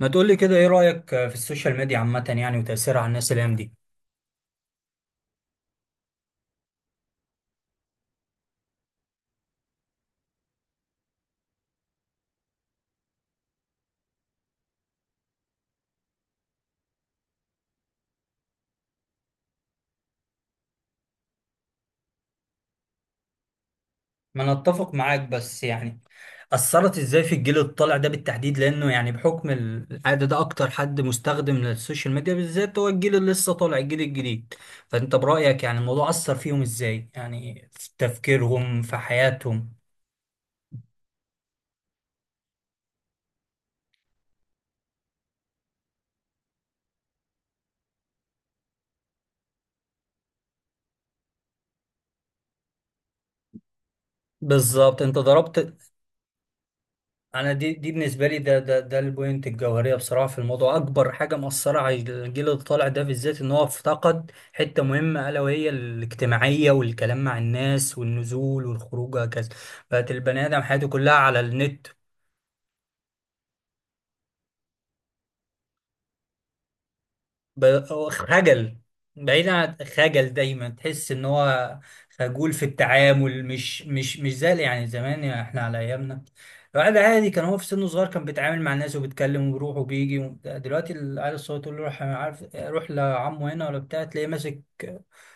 ما تقولي كده ايه رأيك في السوشيال ميديا عامة يعني وتأثيرها على الناس الأيام دي؟ ما انا اتفق معاك بس يعني أثرت ازاي في الجيل الطالع ده بالتحديد لأنه يعني بحكم العادة ده أكتر حد مستخدم للسوشيال ميديا بالذات، هو الجيل اللي لسه طالع الجيل الجديد. فأنت برأيك يعني الموضوع أثر فيهم ازاي؟ يعني في تفكيرهم في حياتهم. بالظبط أنت ضربت. انا دي بالنسبه لي ده البوينت الجوهريه بصراحه في الموضوع، اكبر حاجه مأثره على الجيل اللي طالع ده بالذات ان هو افتقد حته مهمه، الا وهي الاجتماعيه والكلام مع الناس والنزول والخروج وهكذا. بقت البني ادم حياته كلها على النت. ب- هو خجل. بعيد عن خجل، دايما تحس ان هو خجول في التعامل، مش زي يعني زمان، يعني احنا على ايامنا الواحد عادي كان هو في سنه صغير كان بيتعامل مع الناس وبيتكلم وبيروح وبيجي دلوقتي العيال الصغير تقول له روح، أنا عارف، روح لعمه هنا ولا بتاع، تلاقيه ماسك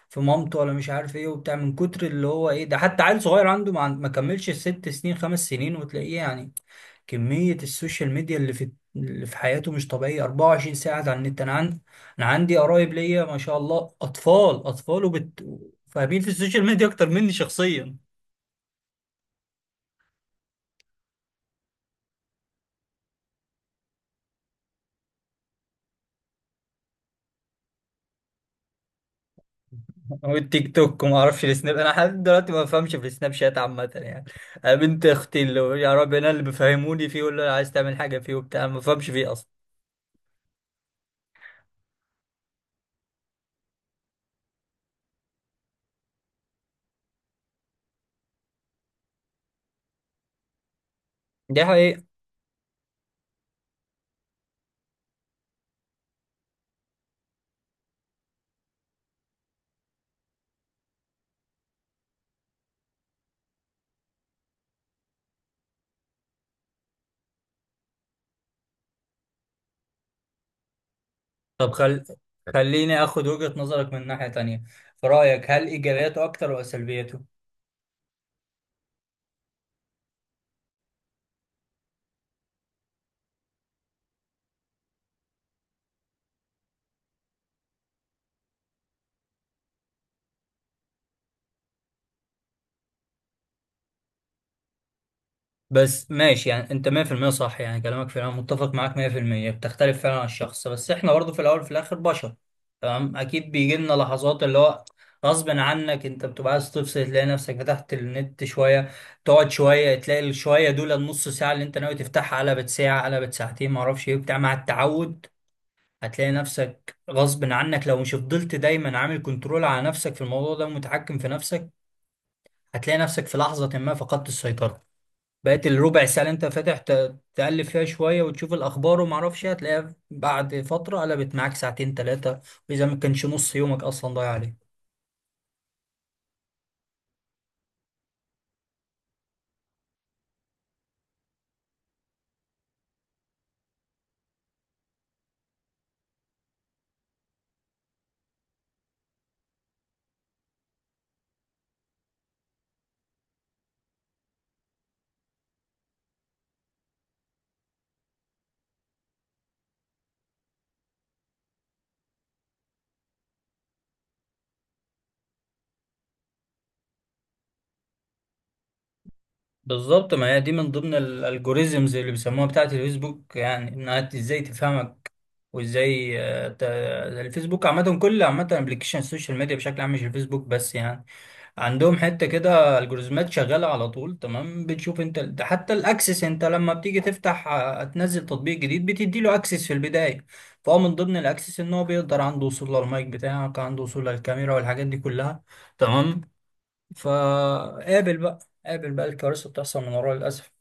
في مامته ولا مش عارف ايه وبتاع، من كتر اللي هو ايه ده. حتى عيل صغير عنده ما كملش ست سنين خمس سنين، وتلاقيه يعني كمية السوشيال ميديا اللي في حياته مش طبيعية، 24 ساعة على النت. انا عندي قرايب ليا ما شاء الله اطفال اطفال فاهمين في السوشيال ميديا اكتر مني شخصيا، والتيك توك وما اعرفش السناب. انا لحد دلوقتي ما بفهمش في السناب شات عامه يعني. انا بنت اختي اللي يا رب انا اللي بيفهموني فيه، ولا عايز تعمل حاجه فيه وبتاع ما بفهمش فيه اصلا. دي حقيقه. طب خليني اخد وجهه نظرك من ناحيه تانية. في رايك هل ايجابياته اكتر ولا سلبياته؟ بس ماشي، يعني انت 100% صح، يعني كلامك فعلا متفق معاك 100%. بتختلف فعلا على الشخص، بس احنا برضه في الاول وفي الاخر بشر. تمام، اكيد بيجي لنا لحظات اللي هو غصب عنك انت بتبقى عايز تفصل، تلاقي نفسك فتحت النت شويه. تقعد شويه تلاقي الشويه دول، النص ساعه اللي انت ناوي تفتحها قلبت ساعه، قلبت ساعتين، ما اعرفش ايه بتاع، مع التعود هتلاقي نفسك غصب عنك لو مش فضلت دايما عامل كنترول على نفسك في الموضوع ده ومتحكم في نفسك. هتلاقي نفسك في لحظه ما فقدت السيطره، بقيت الربع ساعة اللي انت فاتح تقلب فيها شوية وتشوف الأخبار وما اعرفش إيه، هتلاقيها بعد فترة قلبت معاك ساعتين تلاتة، وإذا ما كانش نص يومك أصلا ضايع عليك. بالظبط، ما هي دي من ضمن الالجوريزمز اللي بيسموها بتاعة الفيسبوك، يعني إنها إزاي تفهمك وإزاي، آه، الفيسبوك عامة، كل عامة ابلكيشن السوشيال ميديا بشكل عام مش الفيسبوك بس يعني. عندهم حته كده الجوريزمات شغاله على طول، تمام. بتشوف انت ده، حتى الاكسس انت لما بتيجي تفتح آه، تنزل تطبيق جديد بتدي له اكسس في البدايه. فهو من ضمن الاكسس ان هو بيقدر عنده وصول للمايك بتاعك، عنده وصول للكاميرا والحاجات دي كلها. تمام. فقابل بقى الكوارث بتحصل من وراه للاسف.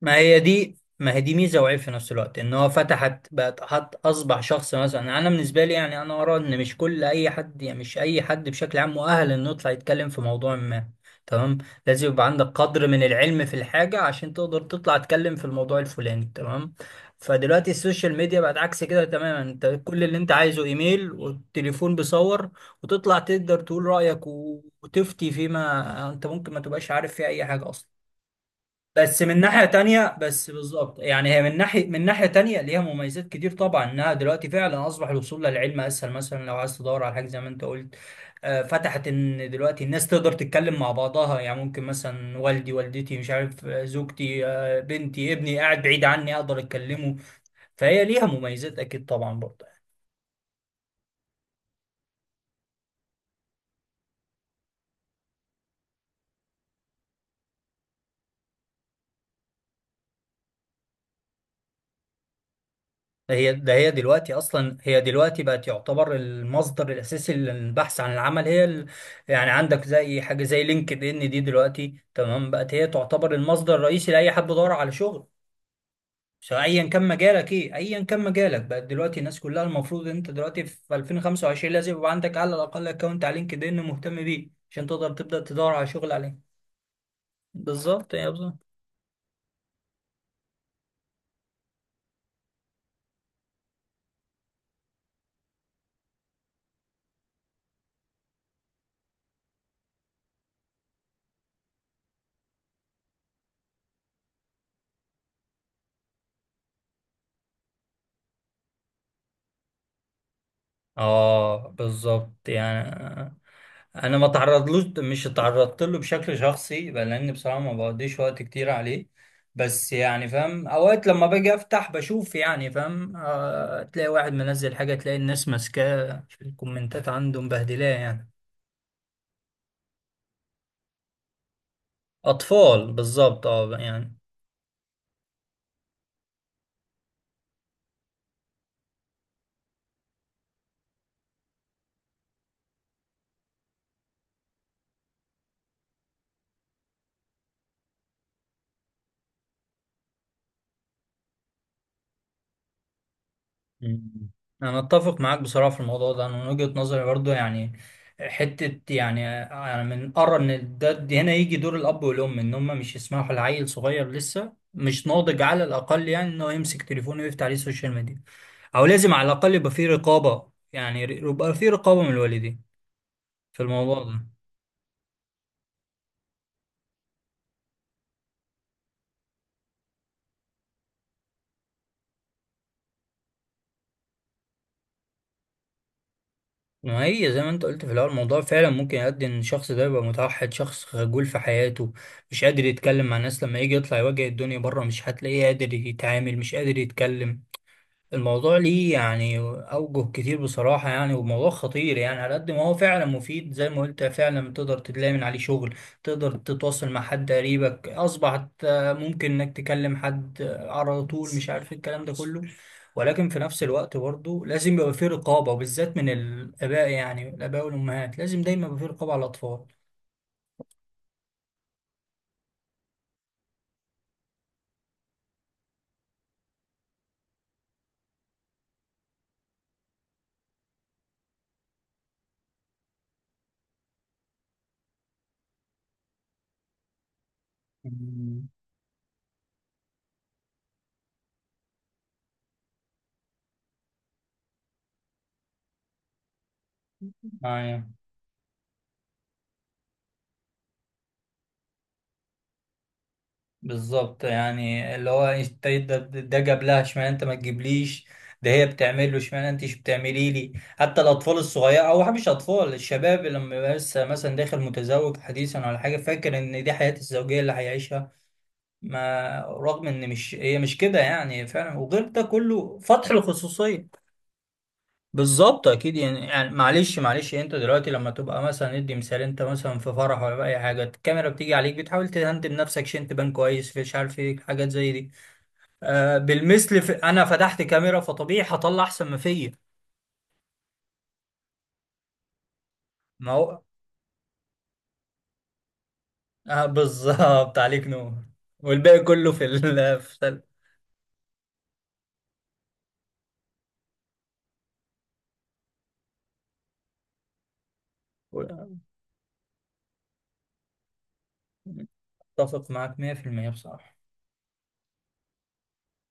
ما هي دي ميزه وعيب في نفس الوقت، ان هو فتحت بقت حط، اصبح شخص، مثلا انا بالنسبه لي يعني انا ارى ان مش كل اي حد، يعني مش اي حد بشكل عام مؤهل انه يطلع يتكلم في موضوع ما. تمام. لازم يبقى عندك قدر من العلم في الحاجه عشان تقدر تطلع تتكلم في الموضوع الفلاني، تمام. فدلوقتي السوشيال ميديا بقت عكس كده تماما، انت كل اللي انت عايزه ايميل والتليفون بيصور، وتطلع تقدر تقول رايك وتفتي فيما انت ممكن ما تبقاش عارف فيه اي حاجه اصلا. بس من ناحية تانية، بس بالظبط يعني هي من ناحية، من ناحية تانية ليها مميزات كتير طبعا. انها دلوقتي فعلا اصبح الوصول للعلم اسهل، مثلا لو عايز تدور على حاجة زي ما انت قلت. آه، فتحت ان دلوقتي الناس تقدر تتكلم مع بعضها، يعني ممكن مثلا والدي، والدتي، مش عارف، آه، زوجتي، آه، بنتي، ابني قاعد بعيد عني اقدر اتكلمه. فهي ليها مميزات اكيد طبعا برضه. هي ده هي دلوقتي اصلا هي دلوقتي بقت يعتبر المصدر الاساسي للبحث عن العمل. هي يعني عندك زي حاجه زي لينكد ان دي دلوقتي، تمام، بقت هي تعتبر المصدر الرئيسي لاي حد بيدور على شغل سواء ايا كان مجالك ايه. ايا كان مجالك، بقت دلوقتي الناس كلها المفروض ان انت دلوقتي في 2025 لازم يبقى عندك على الاقل اكونت على لينكد ان مهتم بيه عشان تقدر تبدا تدور على شغل عليه. بالظبط يا. اه، بالظبط يعني. انا ما تعرضلوش، مش اتعرضت له بشكل شخصي بقى، لان بصراحه ما بقضيش وقت كتير عليه. بس يعني فاهم، اوقات لما باجي افتح بشوف يعني فاهم آه، تلاقي واحد منزل حاجه، تلاقي الناس ماسكاه في الكومنتات عنده مبهدلاه يعني. اطفال، بالظبط، اه يعني. مم. انا اتفق معاك بصراحه في الموضوع ده. انا من وجهه نظري برضو يعني، حته يعني، يعني من ارى ان ده هنا يجي دور الاب والام، ان هم مش يسمحوا لعيل صغير لسه مش ناضج، على الاقل يعني، انه يمسك تليفونه ويفتح عليه السوشيال ميديا. او لازم على الاقل يبقى فيه رقابه، يعني يبقى فيه رقابه من الوالدين في الموضوع ده. ما هي زي ما انت قلت في الاول، الموضوع فعلا ممكن يؤدي ان الشخص ده يبقى متوحد، شخص خجول في حياته، مش قادر يتكلم مع الناس. لما يجي يطلع يواجه الدنيا بره مش هتلاقيه قادر يتعامل، مش قادر يتكلم. الموضوع ليه يعني أوجه كتير بصراحة، يعني وموضوع خطير يعني. على قد ما هو فعلا مفيد زي ما قلت، فعلا تقدر تلاقي من عليه شغل، تقدر تتواصل مع حد قريبك، أصبحت آه، ممكن إنك تكلم حد آه، على طول، مش عارف إيه الكلام ده كله. ولكن في نفس الوقت برضه لازم يبقى فيه رقابة، وبالذات من الآباء، يعني الآباء والأمهات لازم دايما يبقى فيه رقابة على الأطفال. مم. معايا. بالظبط، يعني اللي هو انت ده جاب لها، اشمعنى انت ما تجيبليش. ده هي بتعمل له، اشمعنى انت مش بتعملي لي. حتى الاطفال الصغيره، او مش اطفال، الشباب اللي لما يبقى لسه مثلا داخل متزوج حديثا ولا حاجه، فاكر ان دي حياه الزوجيه اللي هيعيشها. ما رغم ان مش، هي مش كده يعني فعلا. وغير ده كله فتح الخصوصيه. بالظبط اكيد يعني معلش معلش، انت دلوقتي لما تبقى مثلا، ندي مثال، انت مثلا في فرح ولا في اي حاجه الكاميرا بتيجي عليك، بتحاول تهندم نفسك، شنت بان كويس مش عارف ايه، حاجات زي دي. آه، بالمثل انا فتحت كاميرا فطبيعي هطلع احسن ما فيا. ما هو، آه بالظبط عليك نور، والباقي كله في ال اتفق معاك 100% بصراحة.